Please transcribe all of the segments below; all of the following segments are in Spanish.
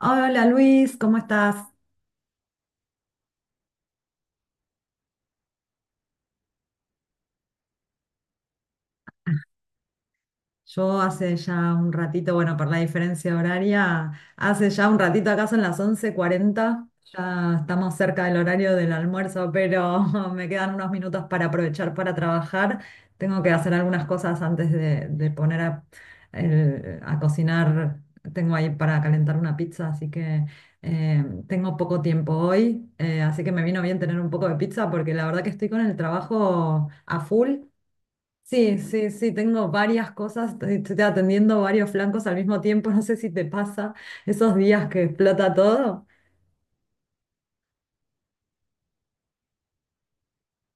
Hola Luis, ¿cómo estás? Yo hace ya un ratito, bueno, por la diferencia horaria, hace ya un ratito acá son las 11:40. Ya estamos cerca del horario del almuerzo, pero me quedan unos minutos para aprovechar para trabajar. Tengo que hacer algunas cosas antes de poner a cocinar. Tengo ahí para calentar una pizza, así que tengo poco tiempo hoy. Así que me vino bien tener un poco de pizza porque la verdad que estoy con el trabajo a full. Sí, sí, sí, tengo varias cosas. Estoy atendiendo varios flancos al mismo tiempo, no sé si te pasa esos días que explota todo.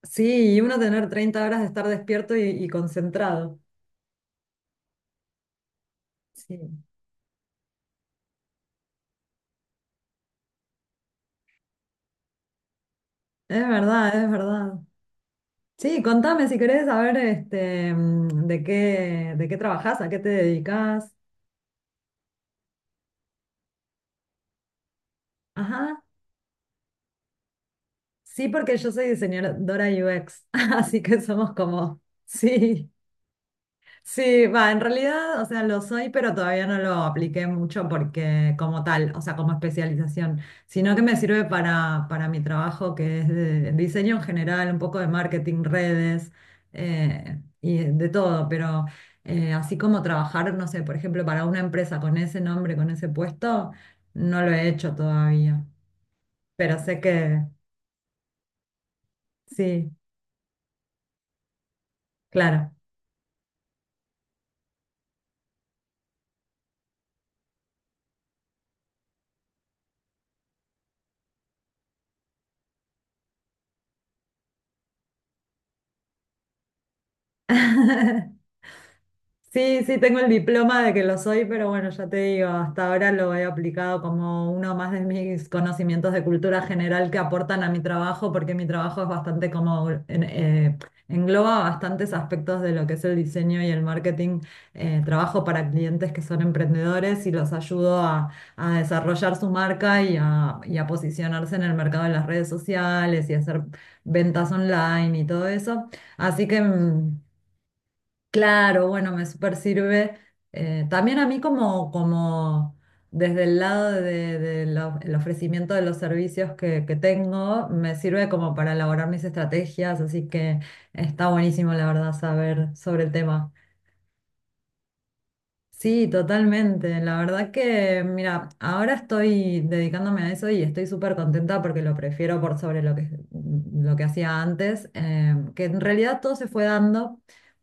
Sí, y uno tener 30 horas de estar despierto y concentrado. Sí, es verdad, es verdad. Sí, contame si querés saber este, de qué, trabajás, a qué te dedicás. Ajá, sí, porque yo soy diseñadora UX, así que somos como, sí. Sí, va, en realidad, o sea, lo soy, pero todavía no lo apliqué mucho porque como tal, o sea, como especialización, sino que me sirve para mi trabajo que es de diseño en general, un poco de marketing, redes. Y de todo. Pero así como trabajar, no sé, por ejemplo, para una empresa con ese nombre, con ese puesto, no lo he hecho todavía, pero sé que sí, claro. Sí, sí, tengo el diploma de que lo soy, pero bueno, ya te digo, hasta ahora lo he aplicado como uno más de mis conocimientos de cultura general que aportan a mi trabajo, porque mi trabajo es bastante como, engloba bastantes aspectos de lo que es el diseño y el marketing. Trabajo para clientes que son emprendedores y los ayudo a desarrollar su marca y a posicionarse en el mercado de las redes sociales y hacer ventas online y todo eso. Así que... mm, claro, bueno, me super sirve. También a mí como, como desde el lado de el ofrecimiento de los servicios que tengo, me sirve como para elaborar mis estrategias, así que está buenísimo, la verdad, saber sobre el tema. Sí, totalmente. La verdad que, mira, ahora estoy dedicándome a eso y estoy súper contenta porque lo prefiero por sobre lo que hacía antes. Que en realidad todo se fue dando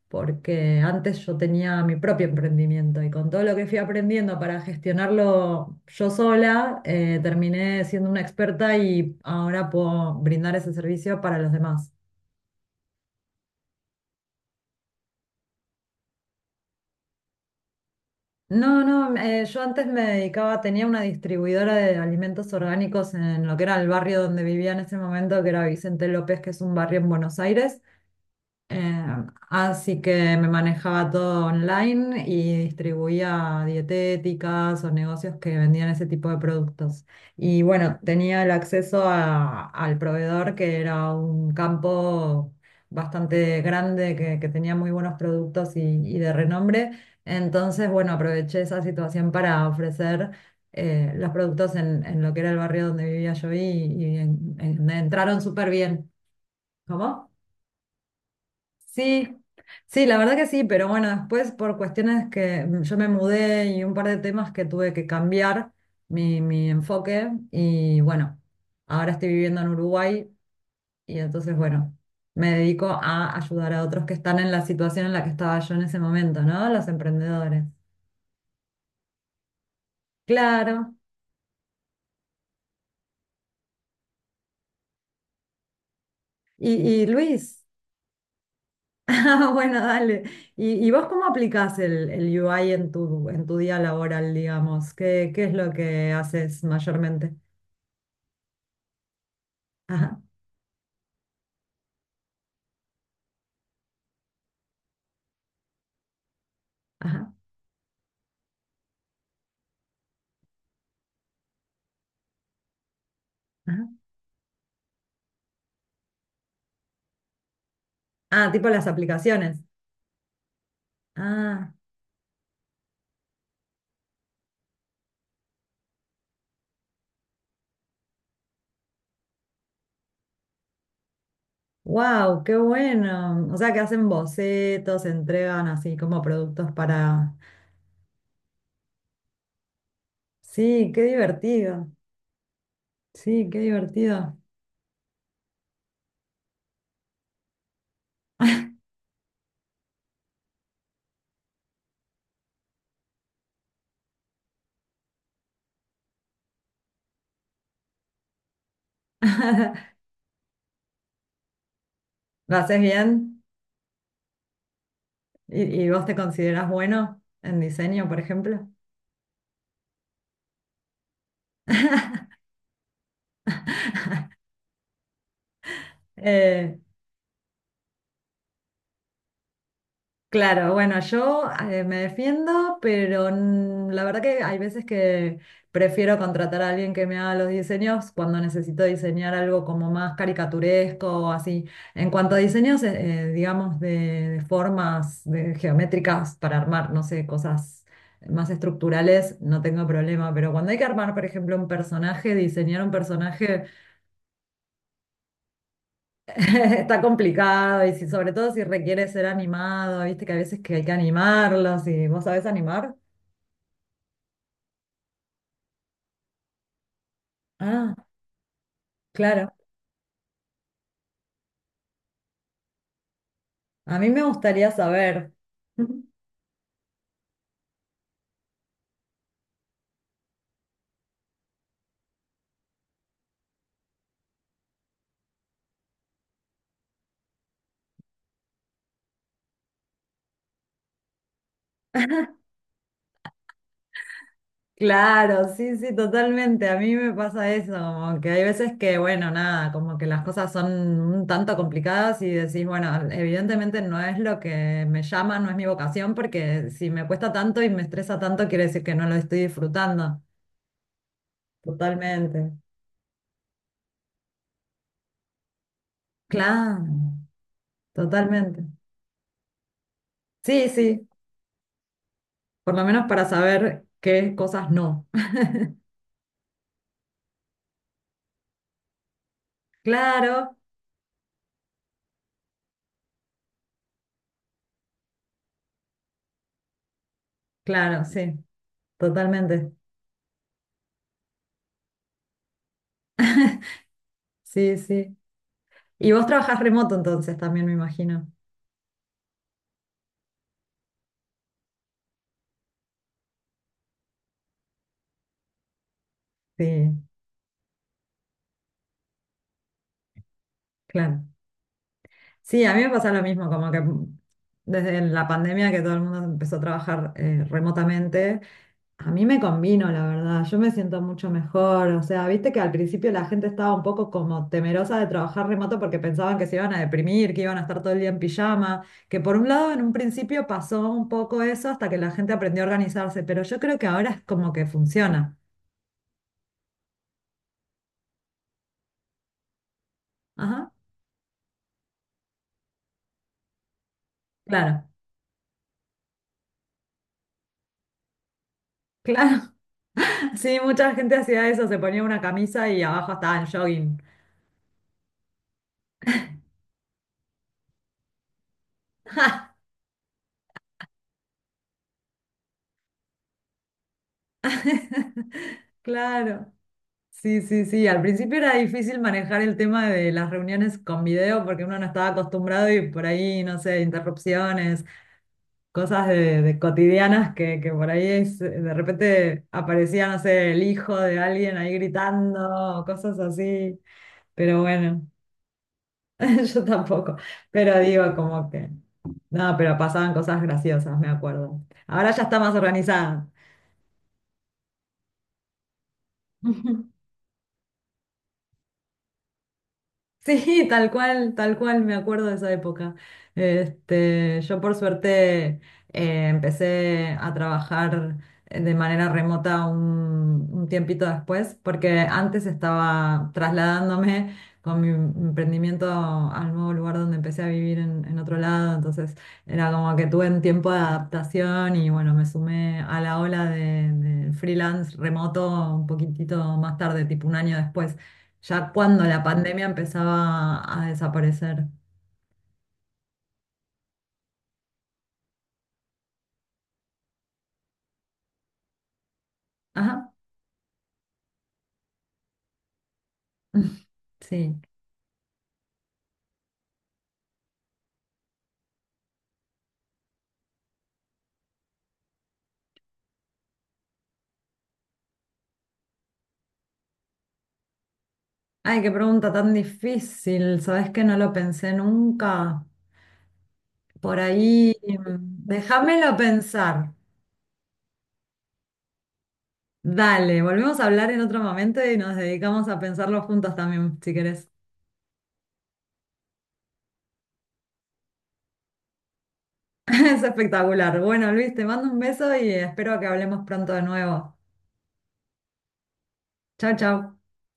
porque antes yo tenía mi propio emprendimiento y con todo lo que fui aprendiendo para gestionarlo yo sola, terminé siendo una experta y ahora puedo brindar ese servicio para los demás. No, no, yo antes me dedicaba, tenía una distribuidora de alimentos orgánicos en lo que era el barrio donde vivía en ese momento, que era Vicente López, que es un barrio en Buenos Aires. Eh, Así que me manejaba todo online y distribuía dietéticas o negocios que vendían ese tipo de productos. Y bueno, tenía el acceso al proveedor, que era un campo bastante grande, que tenía muy buenos productos y de renombre. Entonces, bueno, aproveché esa situación para ofrecer los productos en, lo que era el barrio donde vivía yo y entraron súper bien. ¿Cómo? Sí, sí, la verdad que sí, pero bueno, después por cuestiones que yo me mudé y un par de temas que tuve que cambiar mi enfoque y bueno, ahora estoy viviendo en Uruguay y entonces bueno, me dedico a ayudar a otros que están en la situación en la que estaba yo en ese momento, ¿no? Los emprendedores. Claro. Y, y Luis, ah, bueno, dale. ¿Y vos cómo aplicás el UI en tu día laboral, digamos? ¿Qué es lo que haces mayormente? Ajá, ajá. Ah, tipo las aplicaciones. Ah, wow, qué bueno. O sea, que hacen bocetos, entregan así como productos para... Sí, qué divertido. Sí, qué divertido. ¿Lo haces bien? Y vos te consideras bueno en diseño, por ejemplo? Eh, Claro, bueno, yo me defiendo, pero la verdad que hay veces que prefiero contratar a alguien que me haga los diseños cuando necesito diseñar algo como más caricaturesco o así. En cuanto a diseños, digamos, de formas de geométricas para armar, no sé, cosas más estructurales, no tengo problema, pero cuando hay que armar, por ejemplo, un personaje, diseñar un personaje... Está complicado y si, sobre todo si requiere ser animado, viste que a veces que hay que animarlos y vos sabés animar. Ah, claro. A mí me gustaría saber. Claro, sí, sí, totalmente. A mí me pasa eso, como que hay veces que, bueno, nada, como que las cosas son un tanto complicadas y decís, bueno, evidentemente no es lo que me llama, no es mi vocación, porque si me cuesta tanto y me estresa tanto, quiere decir que no lo estoy disfrutando. Totalmente. Claro, totalmente. Sí, sí, por lo menos para saber qué cosas no. Claro, claro, sí, totalmente. Sí, sí. Y vos trabajás remoto entonces también, me imagino. Sí, claro. Sí, a mí me pasa lo mismo, como que desde la pandemia que todo el mundo empezó a trabajar remotamente. A mí me convino, la verdad, yo me siento mucho mejor, o sea, viste que al principio la gente estaba un poco como temerosa de trabajar remoto porque pensaban que se iban a deprimir, que iban a estar todo el día en pijama, que por un lado en un principio pasó un poco eso hasta que la gente aprendió a organizarse, pero yo creo que ahora es como que funciona. Ajá, claro, claro. Sí, mucha gente hacía eso, se ponía una camisa y abajo estaba en jogging. Claro. Sí, sí, sí. Al principio era difícil manejar el tema de las reuniones con video porque uno no estaba acostumbrado y por ahí, no sé, interrupciones, cosas de cotidianas que por ahí de repente aparecía, no sé, el hijo de alguien ahí gritando, cosas así. Pero bueno, yo tampoco. Pero digo, como que... No, pero pasaban cosas graciosas, me acuerdo. Ahora ya está más organizada. Sí, tal cual, me acuerdo de esa época. Este, yo por suerte empecé a trabajar de manera remota un tiempito después, porque antes estaba trasladándome con mi emprendimiento al nuevo lugar donde empecé a vivir en, otro lado, entonces era como que tuve un tiempo de adaptación y bueno, me sumé a la ola del freelance remoto un poquitito más tarde, tipo un año después. Ya cuando la pandemia empezaba a desaparecer. Ajá. Sí. Ay, qué pregunta tan difícil. Sabes que no lo pensé nunca. Por ahí, déjamelo pensar. Dale, volvemos a hablar en otro momento y nos dedicamos a pensarlo juntos también, si querés. Es espectacular. Bueno, Luis, te mando un beso y espero que hablemos pronto de nuevo. Chao, chao.